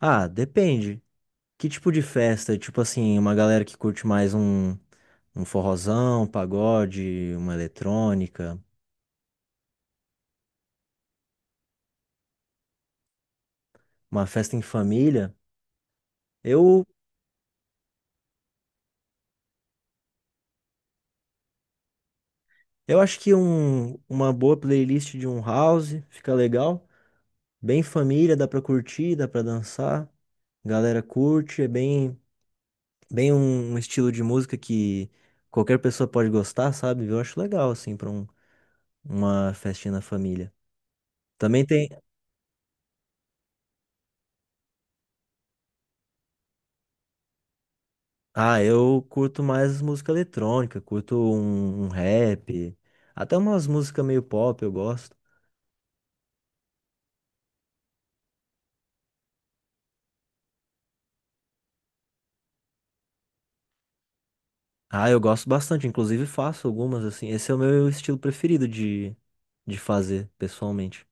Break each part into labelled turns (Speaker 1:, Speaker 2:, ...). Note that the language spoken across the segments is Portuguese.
Speaker 1: Ah, depende. Que tipo de festa? Tipo assim, uma galera que curte mais um forrozão, um pagode, uma eletrônica, uma festa em família. Eu, eu acho que uma boa playlist de um house fica legal. Bem família, dá pra curtir, dá pra dançar. Galera curte, é bem um estilo de música que qualquer pessoa pode gostar, sabe? Eu acho legal, assim, pra uma festinha na família. Também tem. Ah, eu curto mais música eletrônica, curto um rap, até umas músicas meio pop eu gosto. Ah, eu gosto bastante, inclusive faço algumas assim. Esse é o meu estilo preferido de, fazer, pessoalmente.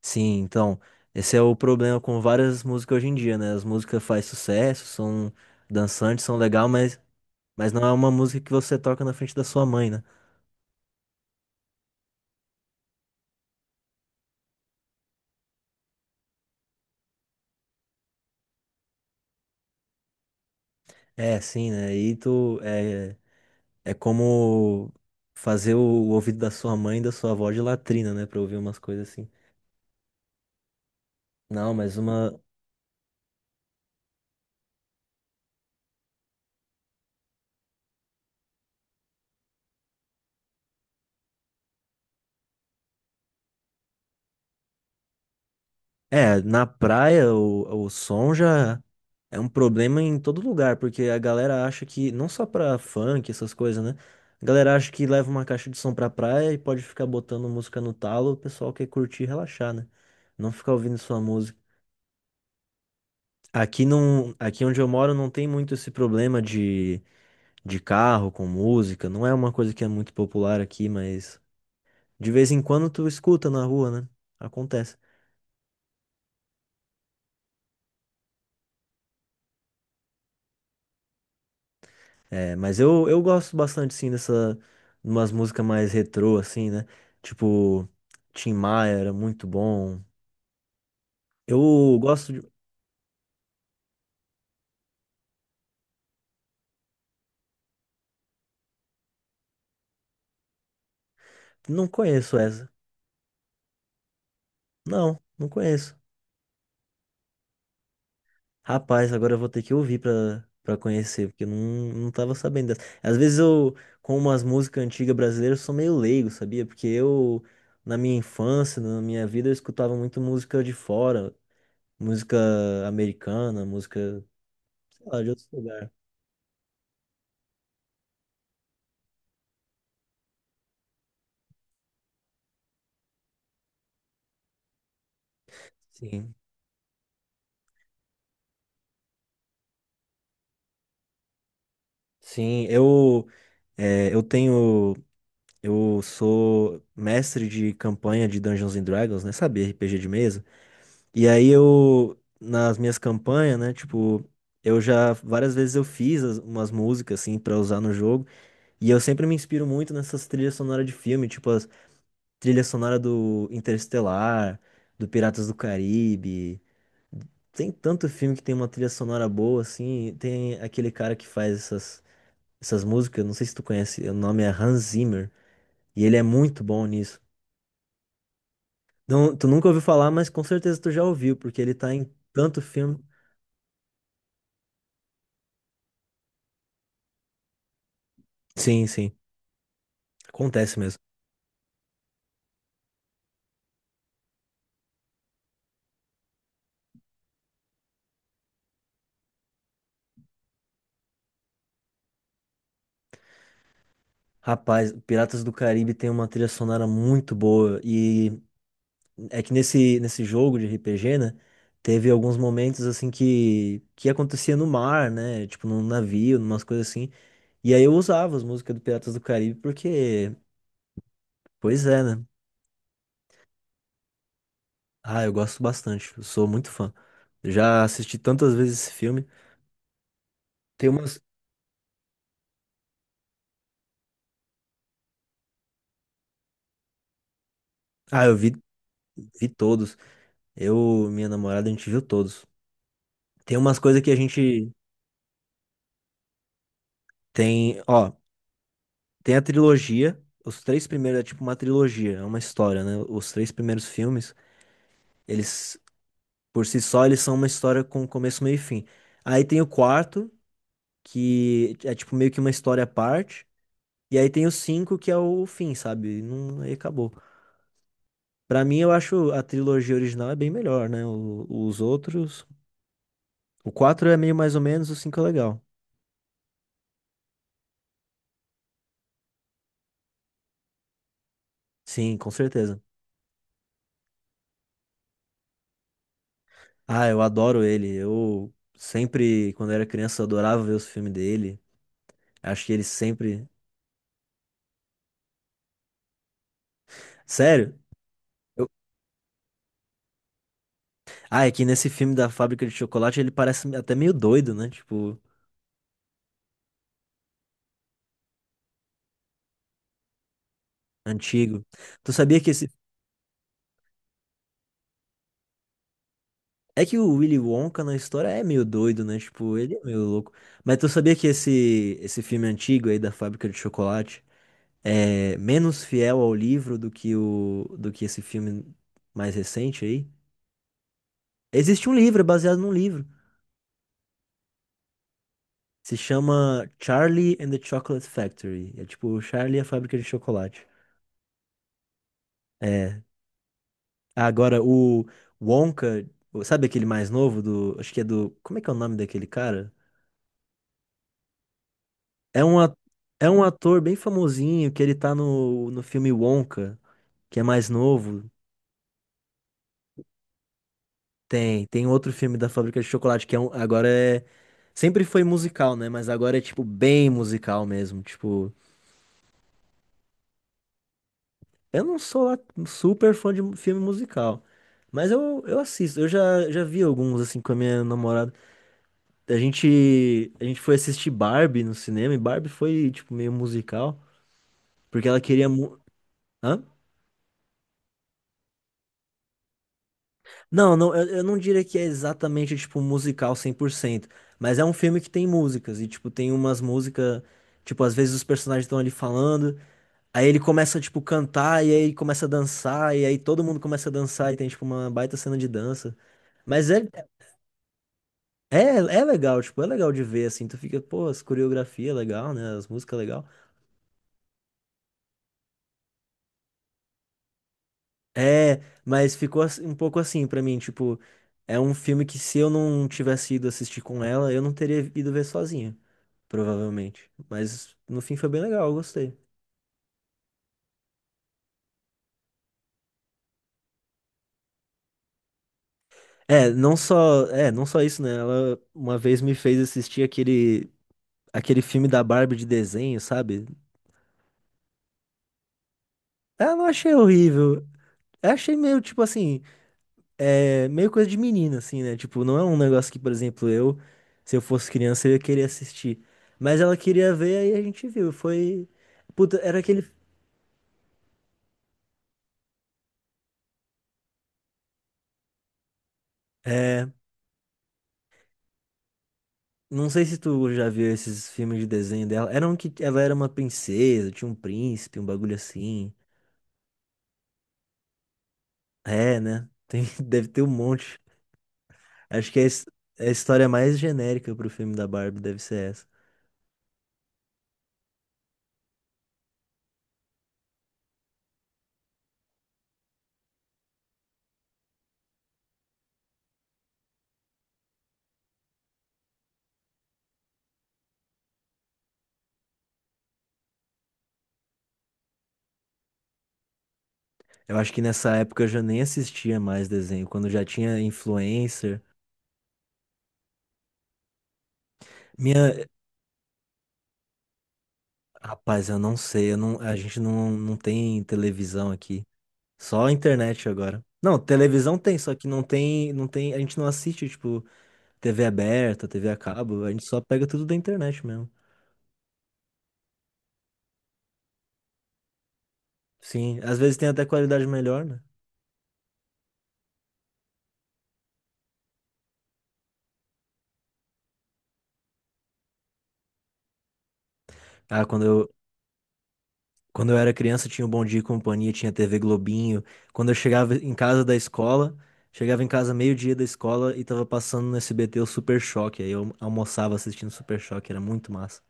Speaker 1: Sim, então, esse é o problema com várias músicas hoje em dia, né? As músicas fazem sucesso, são dançantes, são legal, mas não é uma música que você toca na frente da sua mãe, né? É, sim, né? E tu, é como fazer o, ouvido da sua mãe e da sua avó de latrina, né? Pra ouvir umas coisas assim. Não, mas uma. É, na praia o som já é um problema em todo lugar, porque a galera acha que, não só pra funk, essas coisas, né? A galera acha que leva uma caixa de som pra praia e pode ficar botando música no talo, o pessoal quer curtir e relaxar, né? Não ficar ouvindo sua música. Aqui não, aqui onde eu moro não tem muito esse problema de, carro com música, não é uma coisa que é muito popular aqui, mas. De vez em quando tu escuta na rua, né? Acontece. É, mas eu gosto bastante, sim, dessa. Umas músicas mais retrô, assim, né? Tipo, Tim Maia era muito bom. Eu gosto de. Não conheço essa. Não, não conheço. Rapaz, agora eu vou ter que ouvir pra, conhecer, porque eu não tava sabendo dessa. Às vezes eu, com umas músicas antigas brasileiras, eu sou meio leigo, sabia? Porque eu, na minha infância, na minha vida, eu escutava muito música de fora. Música americana, música, sei lá, de outro lugar. Sim. Sim, eu, é, eu tenho, eu sou mestre de campanha de Dungeons and Dragons, né? Sabe, RPG de mesa. E aí eu, nas minhas campanhas, né, tipo, eu já, várias vezes eu fiz umas músicas, assim, pra usar no jogo. E eu sempre me inspiro muito nessas trilhas sonoras de filme, tipo as trilhas sonoras do Interestelar, do Piratas do Caribe. Tem tanto filme que tem uma trilha sonora boa, assim. Tem aquele cara que faz essas, músicas, não sei se tu conhece, o nome é Hans Zimmer, e ele é muito bom nisso. Não, tu nunca ouviu falar, mas com certeza tu já ouviu, porque ele tá em tanto filme. Sim, sim, acontece mesmo. Rapaz, Piratas do Caribe tem uma trilha sonora muito boa, e é que nesse, jogo de RPG, né, teve alguns momentos, assim, que acontecia no mar, né, tipo num navio, umas coisas assim. E aí eu usava as músicas do Piratas do Caribe porque, pois é, né? Ah, eu gosto bastante, eu sou muito fã. Já assisti tantas vezes esse filme. Tem umas. Ah, eu vi todos. Eu, minha namorada, a gente viu todos. Tem umas coisas que a gente tem, ó, tem a trilogia. Os três primeiros é tipo uma trilogia, é uma história, né? Os três primeiros filmes, eles, por si só, eles são uma história com começo, meio e fim. Aí tem o quarto, que é tipo meio que uma história à parte. E aí tem o 5 que é o fim, sabe? Não, aí acabou. Pra mim, eu acho a trilogia original é bem melhor, né? Os outros. O 4 é meio mais ou menos, o cinco é legal. Sim, com certeza. Ah, eu adoro ele. Eu sempre, quando era criança, eu adorava ver os filmes dele. Acho que ele sempre. Sério? Eu- Ah, é que nesse filme da fábrica de chocolate ele parece até meio doido, né? Tipo, antigo. Tu sabia que esse É que o Willy Wonka na história é meio doido, né? Tipo, ele é meio louco. Mas tu sabia que esse, filme antigo aí da Fábrica de Chocolate é menos fiel ao livro do que do que esse filme mais recente aí? Existe um livro, é baseado num livro. Se chama Charlie and the Chocolate Factory. É tipo Charlie e a Fábrica de Chocolate. É. Ah, agora, o Wonka, sabe aquele mais novo do. Acho que é do. Como é que é o nome daquele cara? É um, a- é um ator bem famosinho que ele tá no, filme Wonka, que é mais novo. Tem outro filme da Fábrica de Chocolate que é agora é sempre foi musical, né? Mas agora é tipo bem musical mesmo, tipo, eu não sou lá super fã de filme musical, mas eu, assisto. Eu já vi alguns assim com a minha namorada. A gente foi assistir Barbie no cinema e Barbie foi tipo meio musical, porque ela queria. Hã? Não, não, eu não diria que é exatamente, tipo, musical 100%, mas é um filme que tem músicas, e, tipo, tem umas músicas, tipo, às vezes os personagens estão ali falando, aí ele começa, tipo, cantar, e aí começa a dançar, e aí todo mundo começa a dançar, e tem, tipo, uma baita cena de dança. Mas é, é, é legal, tipo, é legal de ver, assim, tu fica, pô, as coreografia é legal, né, as músicas é legal. É, mas ficou um pouco assim pra mim, tipo, é um filme que se eu não tivesse ido assistir com ela, eu não teria ido ver sozinho, provavelmente. Mas no fim foi bem legal, eu gostei. É, não só, não só isso, né? Ela uma vez me fez assistir aquele filme da Barbie de desenho, sabe? Ah, não achei horrível. Eu achei meio tipo assim, é meio coisa de menina, assim, né? Tipo, não é um negócio que, por exemplo, se eu fosse criança, eu ia querer assistir. Mas ela queria ver, aí a gente viu. Foi. Puta, era aquele. É. Não sei se tu já viu esses filmes de desenho dela. Era um que ela era uma princesa, tinha um príncipe, um bagulho assim. É, né? Tem, deve ter um monte. Acho que é é a história mais genérica pro filme da Barbie deve ser essa. Eu acho que nessa época eu já nem assistia mais desenho, quando já tinha influencer. Minha, Rapaz, eu não sei, eu não, a gente não tem televisão aqui. Só a internet agora. Não, televisão tem, só que não tem, a gente não assiste, tipo, TV aberta, TV a cabo, a gente só pega tudo da internet mesmo. Sim, às vezes tem até qualidade melhor, né? Ah, quando eu era criança tinha o Bom Dia e Companhia, tinha TV Globinho. Quando eu chegava em casa da escola, chegava em casa meio-dia da escola e tava passando no SBT o Super Choque, aí eu almoçava assistindo Super Choque, era muito massa.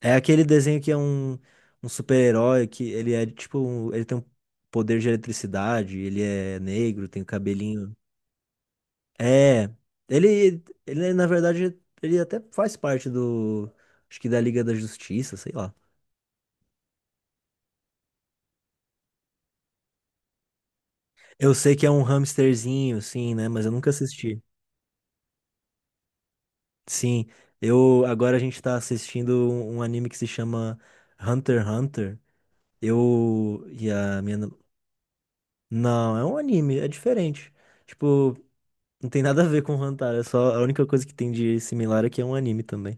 Speaker 1: É aquele desenho que é um super-herói que ele é Ele tem um poder de eletricidade, ele é negro, tem o cabelinho. É. Ele, na verdade, ele até faz parte do. Acho que da Liga da Justiça, sei lá. Eu sei que é um hamsterzinho, sim, né? Mas eu nunca assisti. Sim, eu. Agora a gente tá assistindo um anime que se chama Hunter x Hunter. Eu. E a minha. Nam- Não, é um anime, é diferente. Tipo. Não tem nada a ver com Hantaro, é só a única coisa que tem de similar é que é um anime também.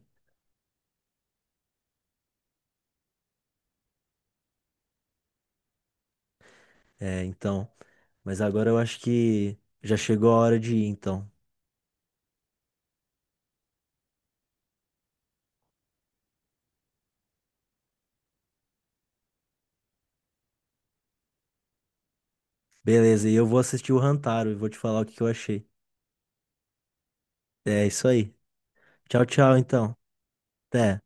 Speaker 1: É, então. Mas agora eu acho que já chegou a hora de ir, então. Beleza, e eu vou assistir o Hantaro e vou te falar o que que eu achei. É isso aí. Tchau, tchau, então. Até.